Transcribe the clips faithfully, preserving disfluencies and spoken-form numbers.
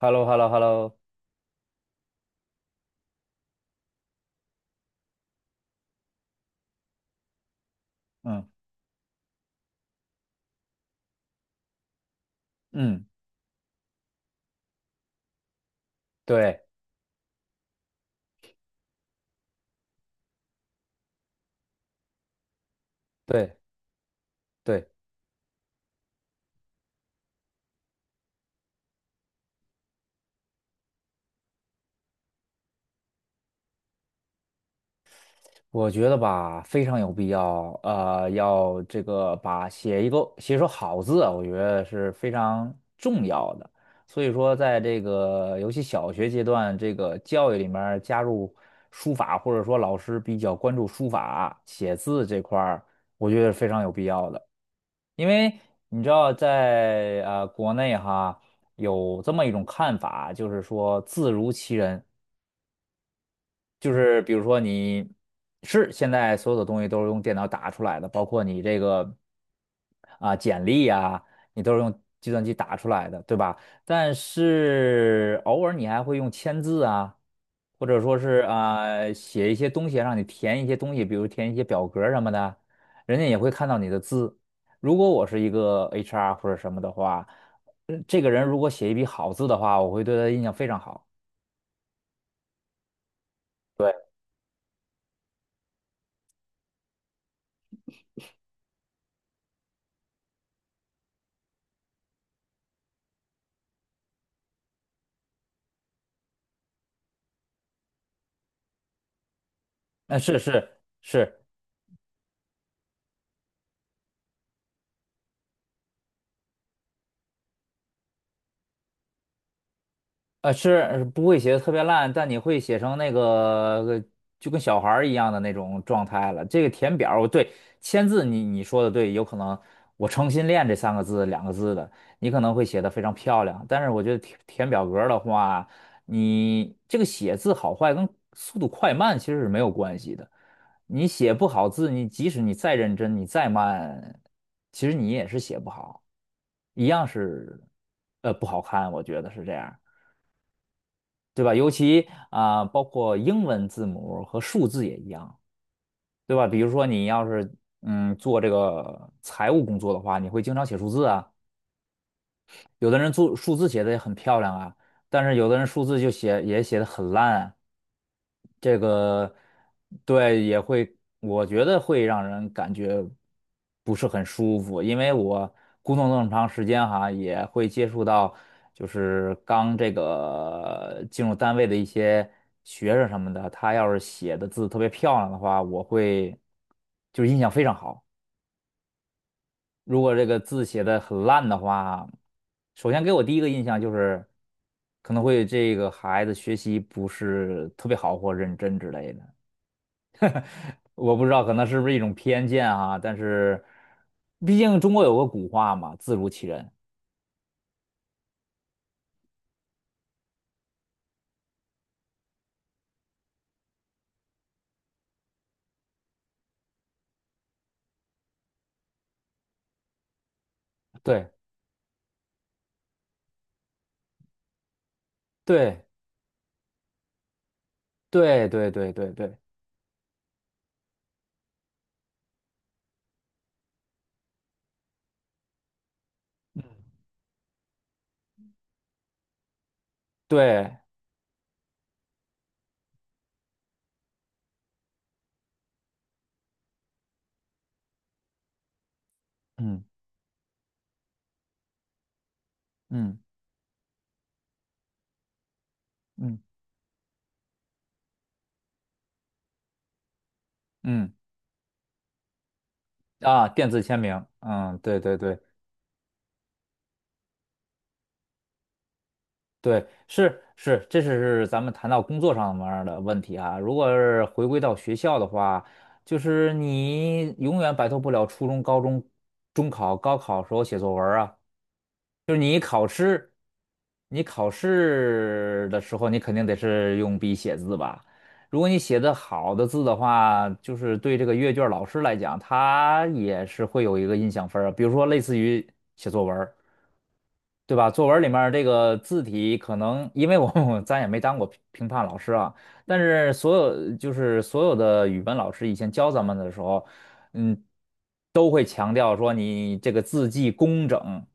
h e l l o h e l l o h e l l o 嗯嗯，对对对，我觉得吧，非常有必要，呃，要这个把写一个写一手好字啊，我觉得是非常重要的。所以说，在这个尤其小学阶段，这个教育里面儿加入书法，或者说老师比较关注书法写字这块儿，我觉得是非常有必要的。因为你知道在，呃国内哈有这么一种看法，就是说字如其人。就是比如说你是现在所有的东西都是用电脑打出来的，包括你这个啊简历啊，你都是用计算机打出来的，对吧？但是偶尔你还会用签字啊，或者说是啊写一些东西，让你填一些东西，比如填一些表格什么的，人家也会看到你的字。如果我是一个 H R 或者什么的话，呃这个人如果写一笔好字的话，我会对他印象非常好。对，那是是是，呃，是不会写的特别烂，但你会写成那个呃就跟小孩儿一样的那种状态了。这个填表儿，对，签字你你说的对，有可能我诚心练这三个字两个字的，你可能会写的非常漂亮，但是我觉得填填表格儿的话，你这个写字好坏跟速度快慢其实是没有关系的。你写不好字，你即使你再认真，你再慢，其实你也是写不好，一样是呃不好看，我觉得是这样。对吧？尤其啊、包括英文字母和数字也一样，对吧？比如说你要是嗯做这个财务工作的话，你会经常写数字啊；有的人做数字写的也很漂亮啊，但是有的人数字就写也写的很烂啊这个对也会，我觉得会让人感觉不是很舒服，因为我工作那么长时间哈，也会接触到就是刚这个进入单位的一些学生什么的，他要是写的字特别漂亮的话，我会就是印象非常好。如果这个字写的很烂的话，首先给我第一个印象就是可能会这个孩子学习不是特别好或认真之类的。我不知道，可能是不是一种偏见啊？但是毕竟中国有个古话嘛，“字如其人”。对。对对对对对对对，嗯嗯嗯嗯啊，电子签名，嗯，对对对。对，是是，这是咱们谈到工作上面儿的问题啊。如果是回归到学校的话，就是你永远摆脱不了初中、高中、中考、高考时候写作文儿啊。你考试的时候，你肯定得是用笔写字吧？如果你写的好的字的话，就是对这个阅卷儿老师来讲，他也是会有一个印象分儿啊。比如说，类似于写作文儿对吧？作文里面儿这个字体可能，因为我 咱也没当过评评判老师啊，但是所有就是所有的语文老师以前教咱们的时候，嗯，都会强调说你这个字迹工整，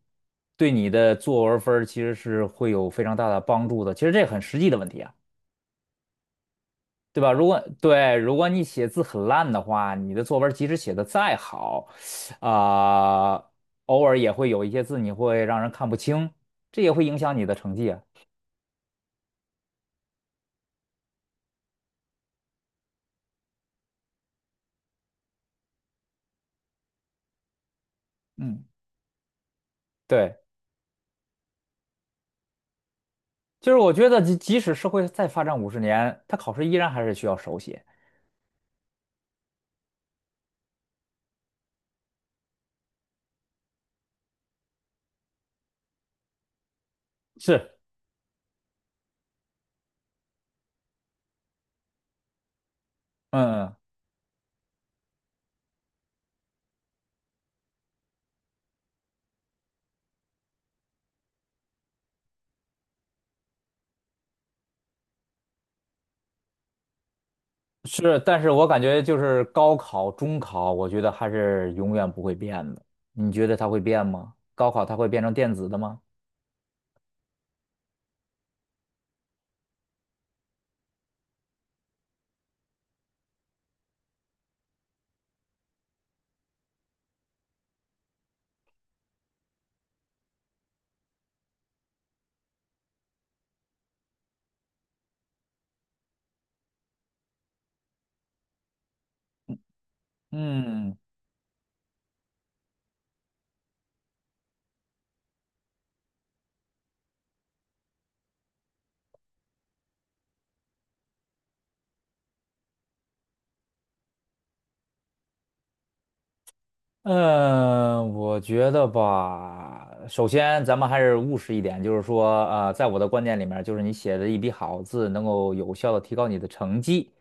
对你的作文分儿其实是会有非常大的帮助的。其实这很实际的问题啊。对吧？如果对，如果你写字很烂的话，你的作文即使写的再好，啊、偶尔也会有一些字你会让人看不清，这也会影响你的成绩啊。嗯，对，就是我觉得即即使社会再发展五十年，它考试依然还是需要手写。是，嗯，是，但是我感觉就是高考、中考，我觉得还是永远不会变的。你觉得它会变吗？高考它会变成电子的吗？嗯。嗯，我觉得吧，首先咱们还是务实一点，就是说，呃，在我的观念里面儿就是你写的一笔好字，能够有效的提高你的成绩，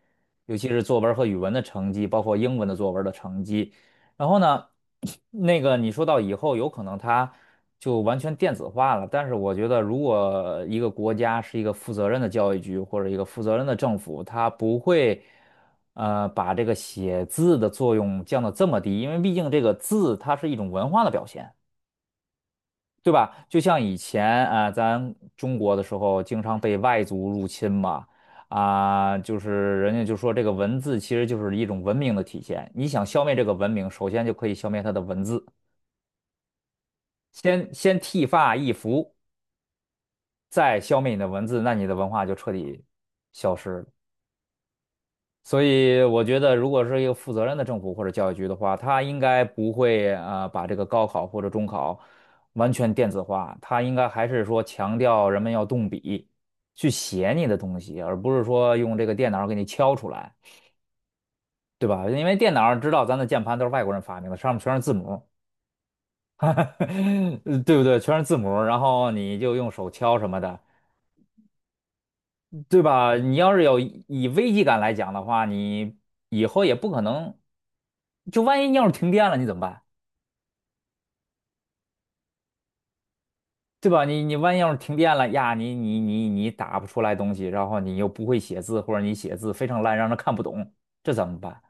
尤其是作文儿和语文的成绩，包括英文的作文儿的成绩。然后呢，那个你说到以后有可能它就完全电子化了，但是我觉得如果一个国家是一个负责任的教育局或者一个负责任的政府，它不会呃把这个写字的作用降到这么低，因为毕竟这个字它是一种文化的表现。对吧？就像以前啊、咱中国的时候，经常被外族入侵嘛，啊、就是人家就说这个文字其实就是一种文明的体现。你想消灭这个文明，首先就可以消灭它的文字，先先剃发易服，再消灭你的文字，那你的文化就彻底消失了。所以我觉得，如果是一个负责任的政府或者教育局的话，它应该不会啊、呃把这个高考或者中考完全电子化，它应该还是说强调人们要动笔去写你的东西，而不是说用这个电脑给你敲出来，对吧？因为电脑知道咱的键盘都是外国人发明的，上面全是字母，呃对不对？全是字母，然后你就用手敲什么的，对吧？你要是有以危机感来讲的话，你以后也不可能。就万一要是停电了，你怎么办？对吧？你你万一要是停电了呀，你你你你打不出来东西，然后你又不会写字，或者你写字非常烂，让人看不懂，这怎么办？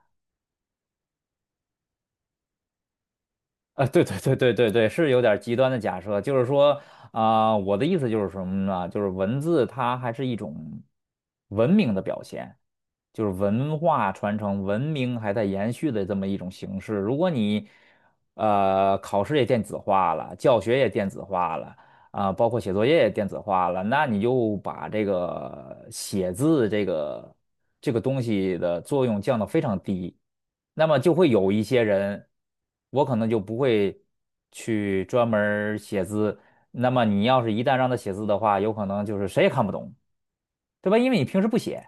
啊，对对对对对对，是有点极端的假设，就是说啊、我的意思就是什么呢？就是文字它还是一种文明的表现，就是文化传承、文明还在延续的这么一种形式。如果你呃考试也电子化了，教学也电子化了啊、包括写作业也电子化了，那你就把这个写字这个这个东西的作用降到非常低。那么就会有一些人，我可能就不会去专门儿写字。那么你要是一旦让他写字的话，有可能就是谁也看不懂，对吧？因为你平时不写，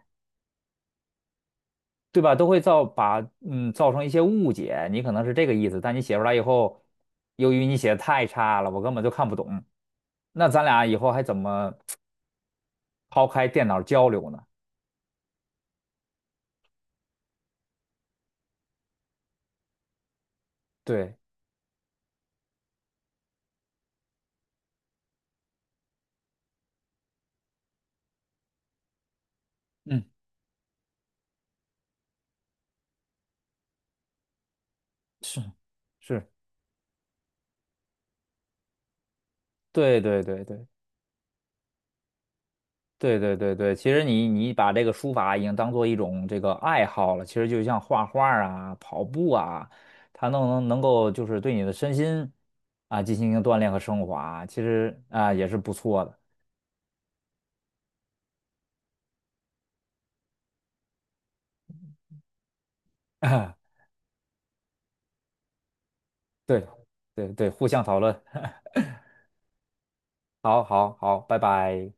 对吧？都会造把嗯造成一些误解。你可能是这个意思，但你写出来以后，由于你写的太差了，我根本就看不懂。那咱俩以后还怎么抛开电脑交流呢？对，嗯，是是，对对对对。对对对对，其实你你把这个书法已经当做一种这个爱好了，其实就像画画儿啊、跑步啊，它能能能够就是对你的身心啊进行一个锻炼和升华，其实啊也是不错的。对对对，互相讨论。好好好，拜拜。